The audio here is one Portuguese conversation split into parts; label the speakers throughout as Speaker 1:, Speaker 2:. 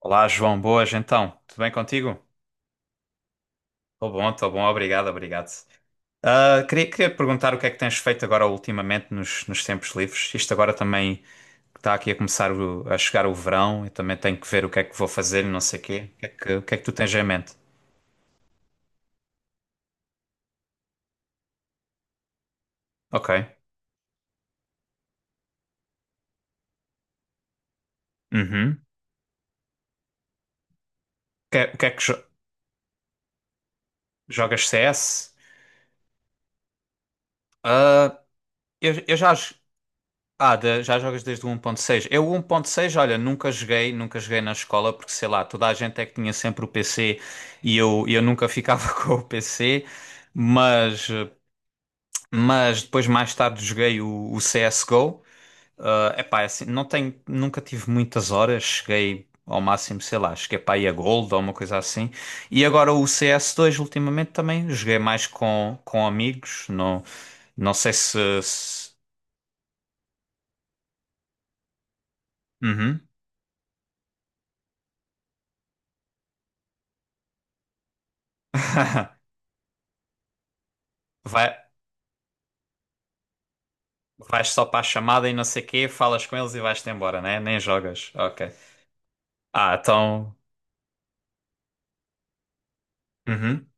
Speaker 1: Olá, João, boas então. Tudo bem contigo? Estou bom, obrigado, obrigado. Queria te perguntar o que é que tens feito agora ultimamente nos tempos livres. Isto agora também está aqui a começar a chegar o verão, eu também tenho que ver o que é que vou fazer e não sei o quê. O que é que tu tens em mente? Ok. Uhum. O que é que jogas CS? Ah, eu já, Ah, da- Já jogas desde o 1.6. Eu o 1.6, olha, nunca joguei, nunca joguei na escola porque sei lá, toda a gente é que tinha sempre o PC e eu nunca ficava com o PC, mas, mas depois mais tarde joguei o CSGO. Ah, epá, é assim, não tenho, nunca tive muitas horas, cheguei ao máximo, sei lá, cheguei para aí a Gold ou uma coisa assim. E agora o CS2 ultimamente também joguei mais com amigos, não, não sei se... se... Uhum. Vai. Vais só para a chamada e não sei o quê, falas com eles e vais-te embora, né? Nem jogas. Ok. Ah, então. Uhum.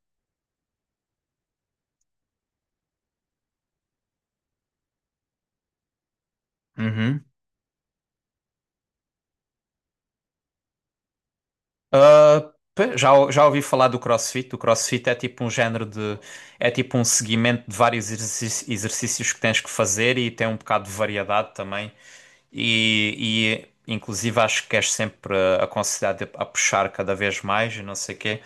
Speaker 1: Uhum. Já ouvi falar do CrossFit. O CrossFit é tipo um género de. É tipo um seguimento de vários exercícios que tens que fazer e tem um bocado de variedade também. E inclusive acho que és sempre aconselhado a puxar cada vez mais e não sei o quê.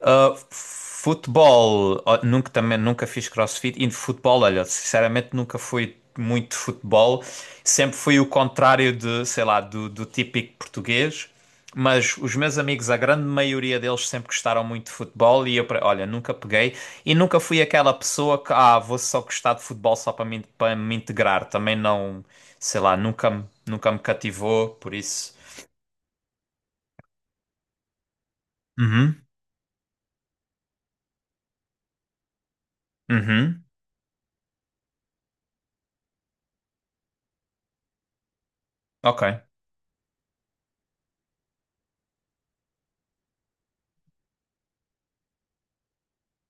Speaker 1: Ah, futebol, ó, nunca também nunca fiz CrossFit e de futebol, olha, sinceramente nunca fui muito de futebol. Sempre fui o contrário de, sei lá, do típico português. Mas os meus amigos, a grande maioria deles sempre gostaram muito de futebol e eu, olha, nunca peguei e nunca fui aquela pessoa que, ah, vou só gostar de futebol só para para me integrar. Também não, sei lá, nunca, nunca me cativou, por isso. Uhum, uhum, ok,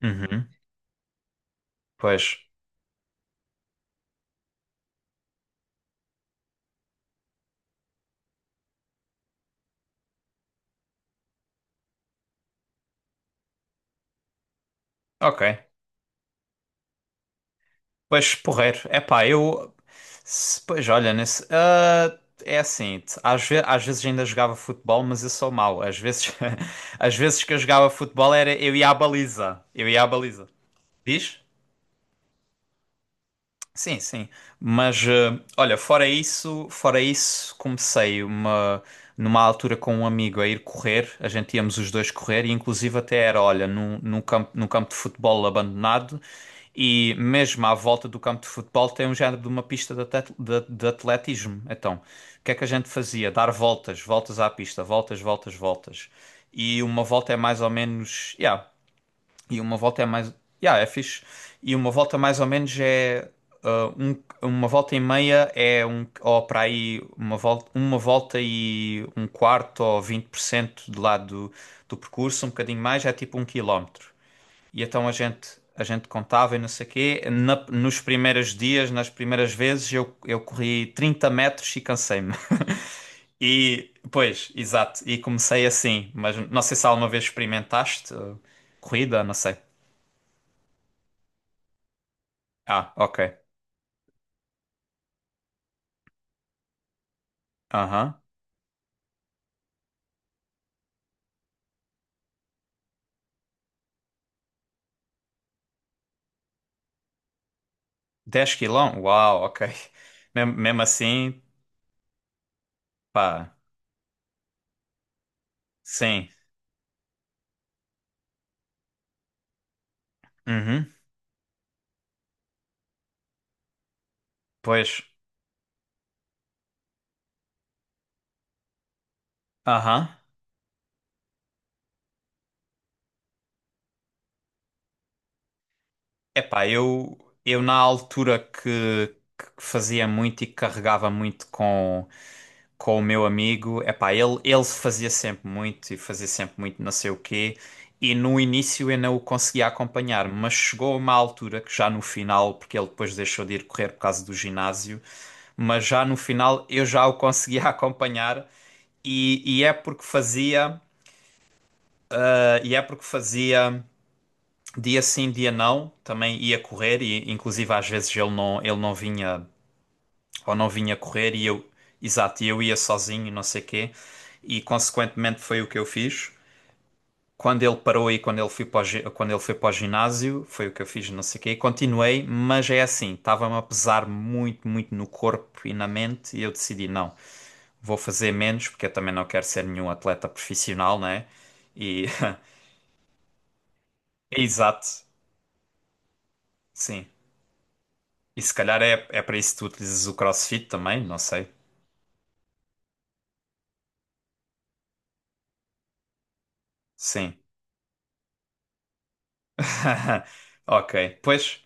Speaker 1: uhum, pois, ok. Pois, porreiro. É pá, eu. Pois, olha, nesse. É assim, às vezes ainda jogava futebol, mas eu sou mau. Às vezes, às vezes que eu jogava futebol era eu ia à baliza. Eu ia à baliza. Diz? Sim, sim. Mas olha, fora isso, comecei uma numa altura com um amigo a ir correr. A gente íamos os dois correr e inclusive até era, olha, num campo de futebol abandonado e mesmo à volta do campo de futebol tem um género de uma pista de, de atletismo. Então, o que é que a gente fazia? Dar voltas, voltas à pista, voltas, voltas, voltas. E uma volta é mais ou menos, yeah, e uma volta é mais. Yeah, é fixe. E uma volta mais ou menos é. ah, um- uma volta e meia é um. Ou para aí, uma volta e um quarto ou 20% do lado do, do percurso, um bocadinho mais, é tipo um quilómetro. E então a gente. A gente contava e não sei o quê. Nos primeiros dias, nas primeiras vezes, eu corri 30 metros e cansei-me. E, pois, exato. E comecei assim. Mas não sei se alguma vez experimentaste corrida, não sei. Ah, ok. Aham. Dez quilão? Uau, ok. Mesmo assim, pá, sim. Uhum. Pois, aham. Epá, eu na altura que fazia muito e carregava muito com. Com o meu amigo, epá, ele fazia sempre muito e fazia sempre muito não sei o quê, e no início eu não o conseguia acompanhar, mas chegou a uma altura que já no final, porque ele depois deixou de ir correr por causa do ginásio, mas já no final eu já o conseguia acompanhar e é porque fazia, e é porque fazia dia sim, dia não, também ia correr e inclusive às vezes ele não vinha ou não vinha correr e eu, exato, e eu ia sozinho, não sei quê, e consequentemente foi o que eu fiz. Quando ele parou e quando ele foi para o, quando ele foi para o ginásio, foi o que eu fiz, não sei o quê, e continuei, mas é assim, estava-me a pesar muito, muito no corpo e na mente, e eu decidi, não, vou fazer menos, porque eu também não quero ser nenhum atleta profissional, né? E, exato, sim. E se calhar é, é para isso que tu utilizas o CrossFit também, não sei. Sim. Ok, pois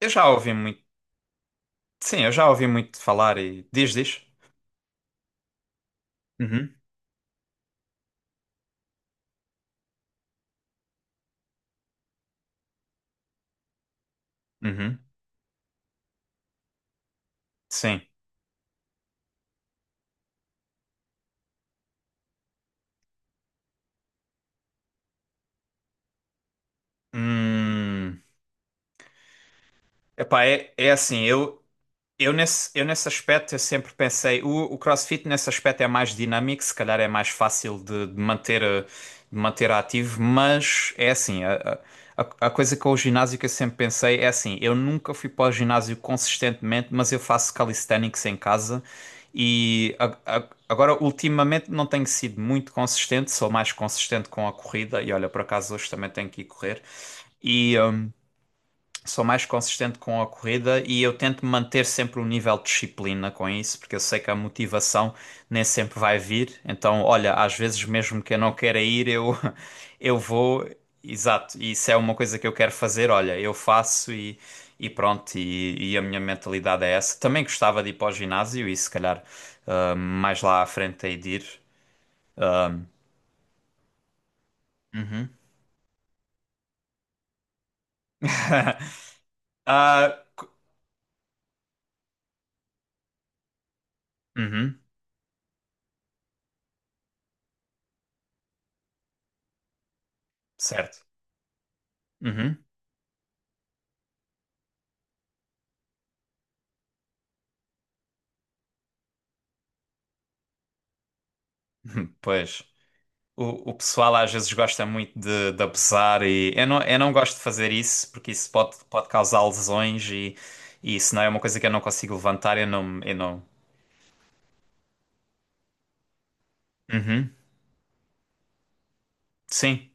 Speaker 1: eu já ouvi muito. Sim, eu já ouvi muito falar e diz, diz. Uhum, uhum, sim. Hum, epá, é, é assim, eu. Eu nesse aspecto eu sempre pensei, o CrossFit nesse aspecto é mais dinâmico, se calhar é mais fácil de manter, de manter ativo, mas é assim, a coisa com o ginásio que eu sempre pensei é assim, eu nunca fui para o ginásio consistentemente, mas eu faço calisthenics em casa e agora ultimamente não tenho sido muito consistente, sou mais consistente com a corrida e olha, por acaso hoje também tenho que ir correr. E, sou mais consistente com a corrida e eu tento manter sempre um nível de disciplina com isso, porque eu sei que a motivação nem sempre vai vir. Então, olha, às vezes mesmo que eu não queira ir, eu eu vou, exato, e isso é uma coisa que eu quero fazer, olha, eu faço e pronto, e a minha mentalidade é essa. Também gostava de ir para o ginásio e se calhar mais lá à frente aí de ir. Uhum. Ah, c- uhum, certo. Uhum. Pois. O pessoal às vezes gosta muito de abusar e eu não gosto de fazer isso porque isso pode, pode causar lesões e isso não é uma coisa que eu não consigo levantar, eu não, eu não. Uhum. Sim,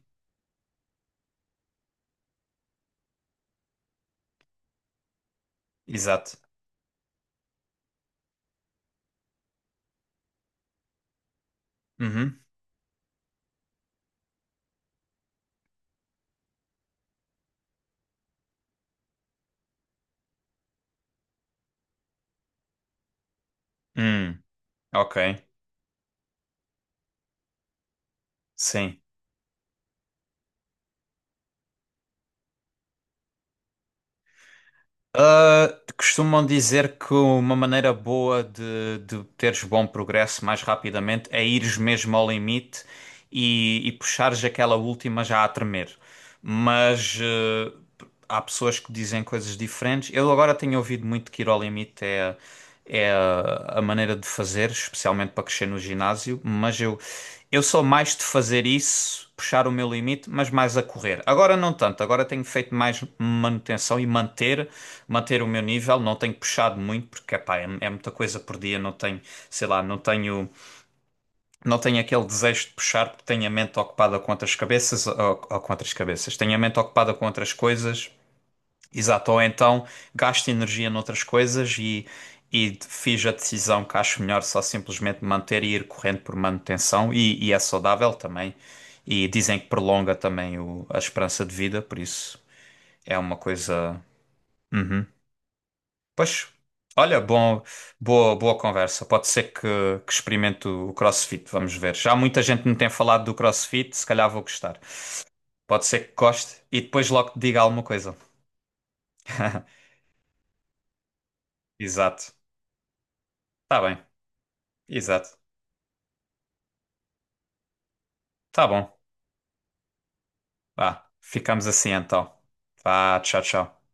Speaker 1: exato. Uhum. Hum, ok, sim. Ah, costumam dizer que uma maneira boa de teres bom progresso mais rapidamente é ires mesmo ao limite e puxares aquela última já a tremer. Mas há pessoas que dizem coisas diferentes. Eu agora tenho ouvido muito que ir ao limite é, é a maneira de fazer, especialmente para crescer no ginásio, mas eu sou mais de fazer isso, puxar o meu limite, mas mais a correr. Agora não tanto, agora tenho feito mais manutenção e manter, manter o meu nível, não tenho puxado muito, porque epá, é, é muita coisa por dia, não tenho, sei lá, não tenho não tem aquele desejo de puxar porque tem a mente ocupada com outras cabeças ou com outras cabeças, tem a mente ocupada com outras coisas, exato, ou então gasta energia noutras coisas e fiz a decisão que acho melhor só simplesmente manter e ir correndo por manutenção e é saudável também. E dizem que prolonga também a esperança de vida, por isso é uma coisa. Uhum. Pois, olha, bom, boa, boa conversa. Pode ser que experimente o CrossFit, vamos ver. Já muita gente me tem falado do CrossFit, se calhar vou gostar. Pode ser que goste e depois logo te diga alguma coisa. Exato. Tá bem, exato. Tá bom. Vá, ficamos assim então. Vá, tchau, tchau.